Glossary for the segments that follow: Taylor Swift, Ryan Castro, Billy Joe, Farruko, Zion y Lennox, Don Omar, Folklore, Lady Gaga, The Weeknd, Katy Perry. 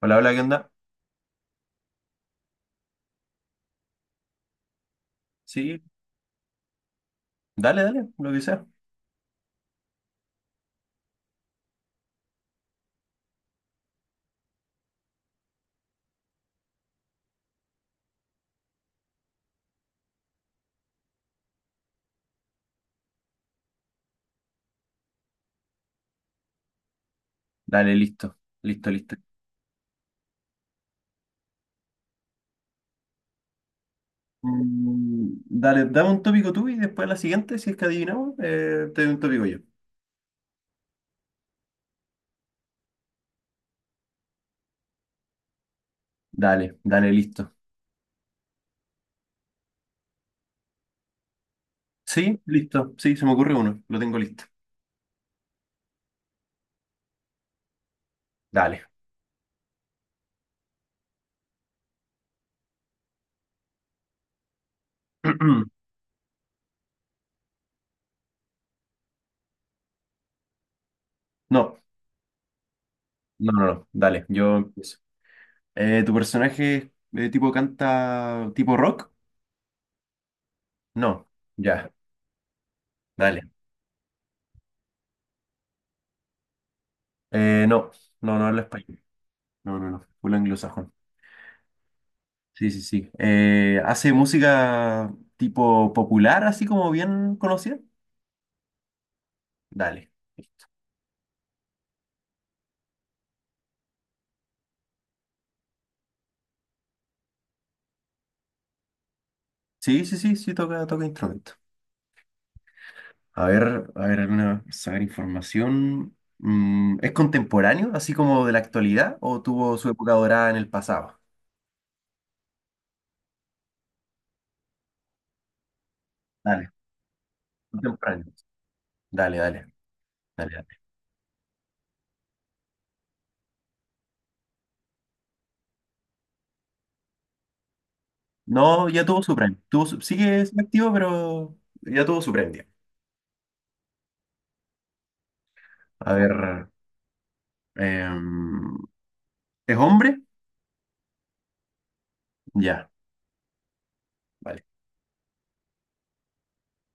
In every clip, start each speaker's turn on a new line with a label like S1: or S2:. S1: Hola, hola, ¿qué onda? Sí, dale, dale, lo que sea. Dale, listo, listo, listo. Dale, dame un tópico tú y después la siguiente, si es que adivinamos, te doy un tópico yo. Dale, dale, listo. Sí, listo, sí, se me ocurre uno, lo tengo listo. Dale. No, no, no, no, dale, yo empiezo. ¿Tu personaje es, tipo canta tipo rock? No, ya, dale. No, no habla español. No, no, no, full anglosajón. Sí, sí, sí. ¿Hace música tipo popular, así como bien conocida? Dale. Sí, sí, sí, sí, toca instrumento. A ver, alguna, sacar información. ¿Es contemporáneo, así como de la actualidad, o tuvo su época dorada en el pasado? Dale, contemporáneo. Dale, dale, dale, dale. No, ya tuvo su premio. Sigue activo, pero ya tuvo su premio. A ver, em, ¿es hombre? Ya, vale.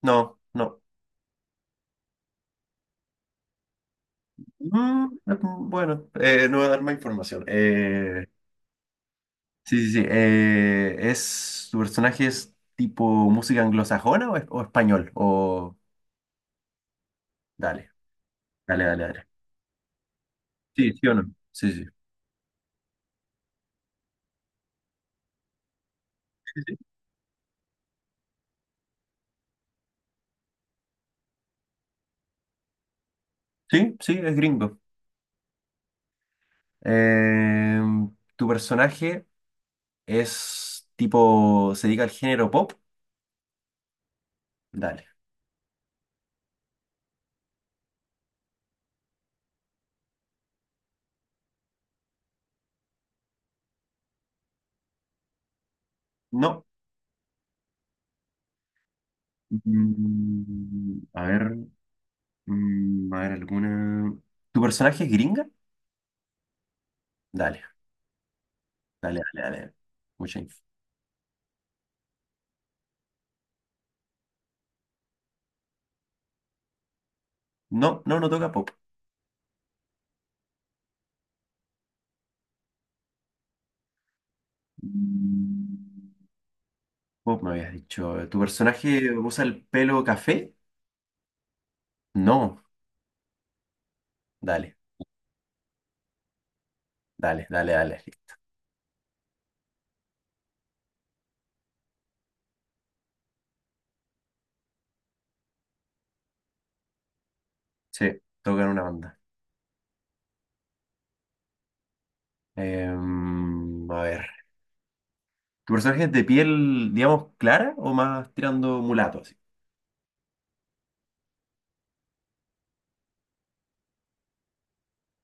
S1: No, no. Mm, Bueno, no voy a dar más información. Sí, sí, sí. ¿Tu personaje es tipo música anglosajona o, o español? O dale, dale, dale, dale. Sí, sí o no. Sí, sí. Sí, sí, es gringo. Eh, ¿Tu personaje es tipo, se dedica al género pop? Dale. No. A ver, a ver alguna. ¿Tu personaje es gringa? Dale, dale, dale, dale. Mucha info. No, no, no toca pop. Mm, Pop me habías dicho. ¿Tu personaje usa el pelo café? No. Dale, dale, dale, dale. Sí, toca en una banda. A ver. ¿Tu personaje es de piel, digamos, clara o más tirando mulato así?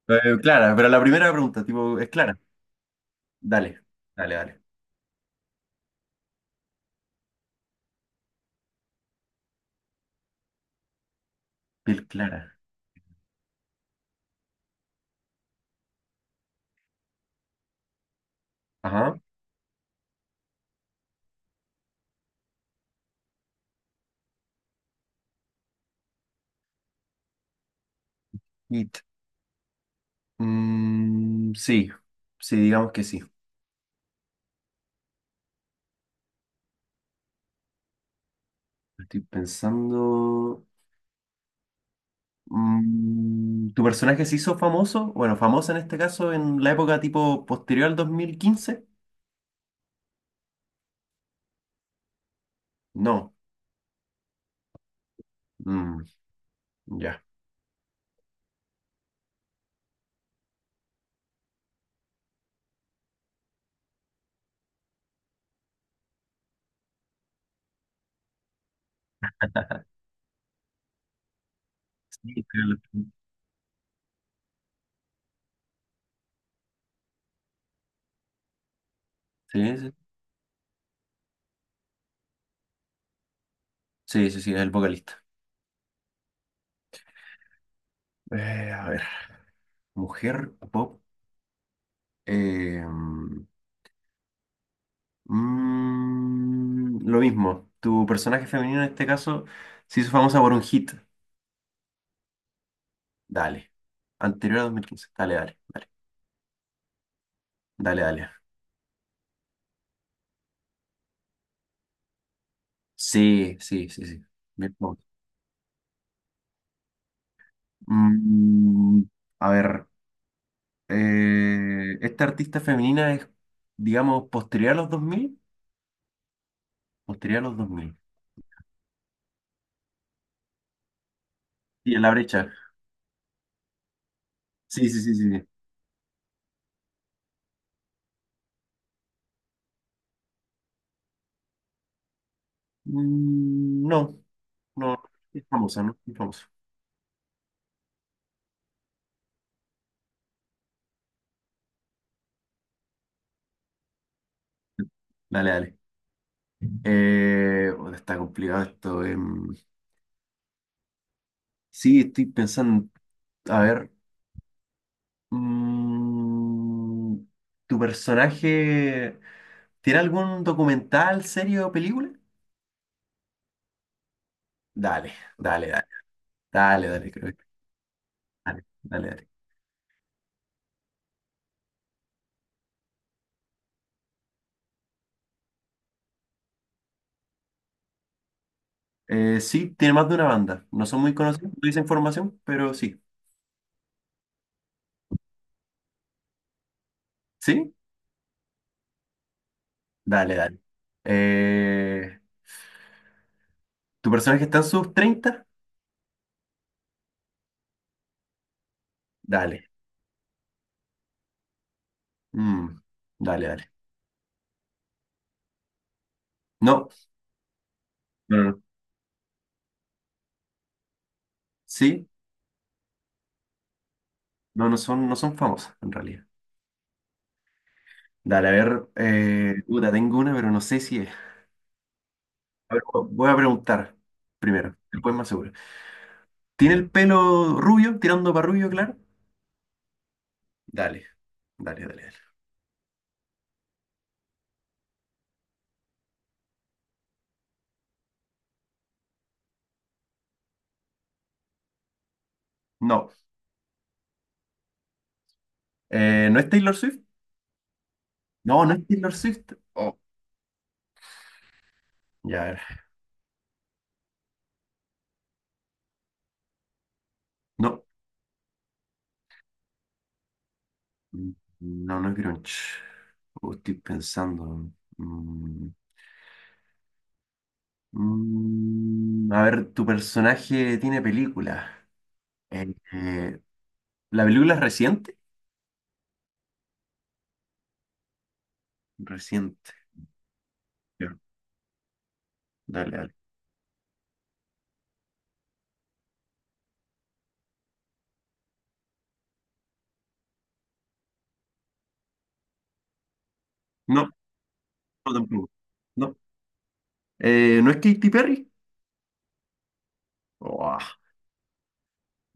S1: Clara, pero la primera pregunta, tipo, ¿es clara? Dale, dale, dale. Piel clara. Ajá. It. Sí, sí, digamos que sí. Estoy pensando. ¿Tu personaje se hizo famoso? Bueno, famoso en este caso en la época tipo posterior al 2015. No. Mm, ya. Sí, sí, sí, sí, sí, sí, es el vocalista. A ver, mujer pop. eh, lo mismo, tu personaje femenino en este caso se hizo famosa por un hit. Dale. Anterior a 2015. Dale, dale, dale. Dale, dale. Sí, sí, sí, sí. Bien, vamos. Mm, a ver. Esta artista femenina es, digamos, posterior a los dos mil. Posterior a los dos mil. Sí, en la brecha. Sí, sí, sí, sí. sí. No, no. no Es famosa, ¿no? Es famosa. Dale, dale. Bueno, está complicado esto. Sí, estoy pensando. A ver. mm, ¿Tu personaje tiene algún documental, serie o película? Dale, dale, dale. Dale, dale, creo que- Dale, dale, dale. Sí, tiene más de una banda. No son muy conocidos, no dicen formación, pero sí. ¿Sí? Dale, dale. Eh, ¿Tu personaje está en sus 30? Dale. Mm, dale, dale. No, no, no. no. Sí, no, no son, no son famosas en realidad. Dale, a ver, puta, tengo una, pero no sé si es. A ver, voy a preguntar primero, después más seguro. ¿Tiene el pelo rubio, tirando para rubio, claro? Dale, dale, dale, dale. No, ¿no es Taylor Swift? No, no es Taylor Swift. Oh, ya, a ver. No, mm, no, no es grunge. Oh, estoy pensando. Mm, a ver, ¿tu personaje tiene película? Eh, eh, ¿La película es reciente? Reciente. Ya, Dale, dale. No, no tampoco. No. ¿No es Katy Perry? Oh, ah,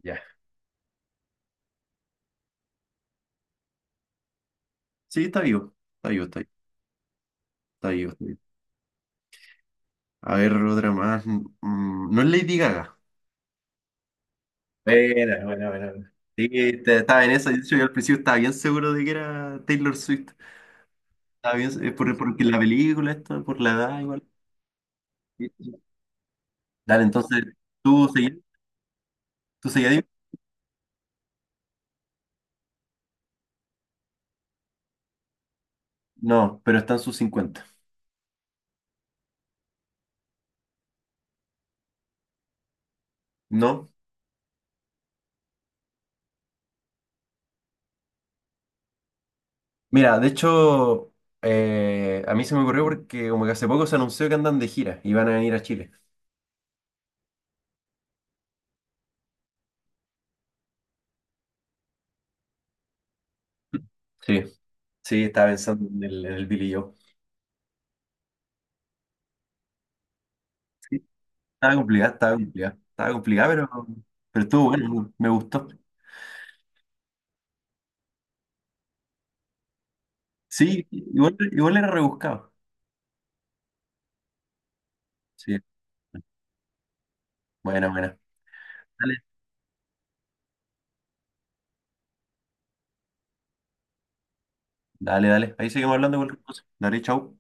S1: ya. Sí, está vivo. Está vivo, está vivo, está vivo, está vivo. A ver, otra más. No es Lady Gaga. Buena, buena, buena. Sí, estaba en eso. De hecho, yo al principio estaba bien seguro de que era Taylor Swift. Estaba bien, por, porque la película, esto, por la edad, igual. Sí, sí. sí. Dale, entonces, ¿tú seguías? ¿Tú seguías? No, pero están sus 50. No. Mira, de hecho, a mí se me ocurrió porque como que hace poco se anunció que andan de gira y van a venir a Chile. Sí. Sí, estaba pensando en el Billy Joe. Sí, estaba complicada. Estaba complicada, pero estuvo bueno, me gustó. Sí, igual, igual era rebuscado. Sí. Bueno, bueno. Dale, dale, dale. Ahí seguimos hablando cualquier cosa. Dale, chau.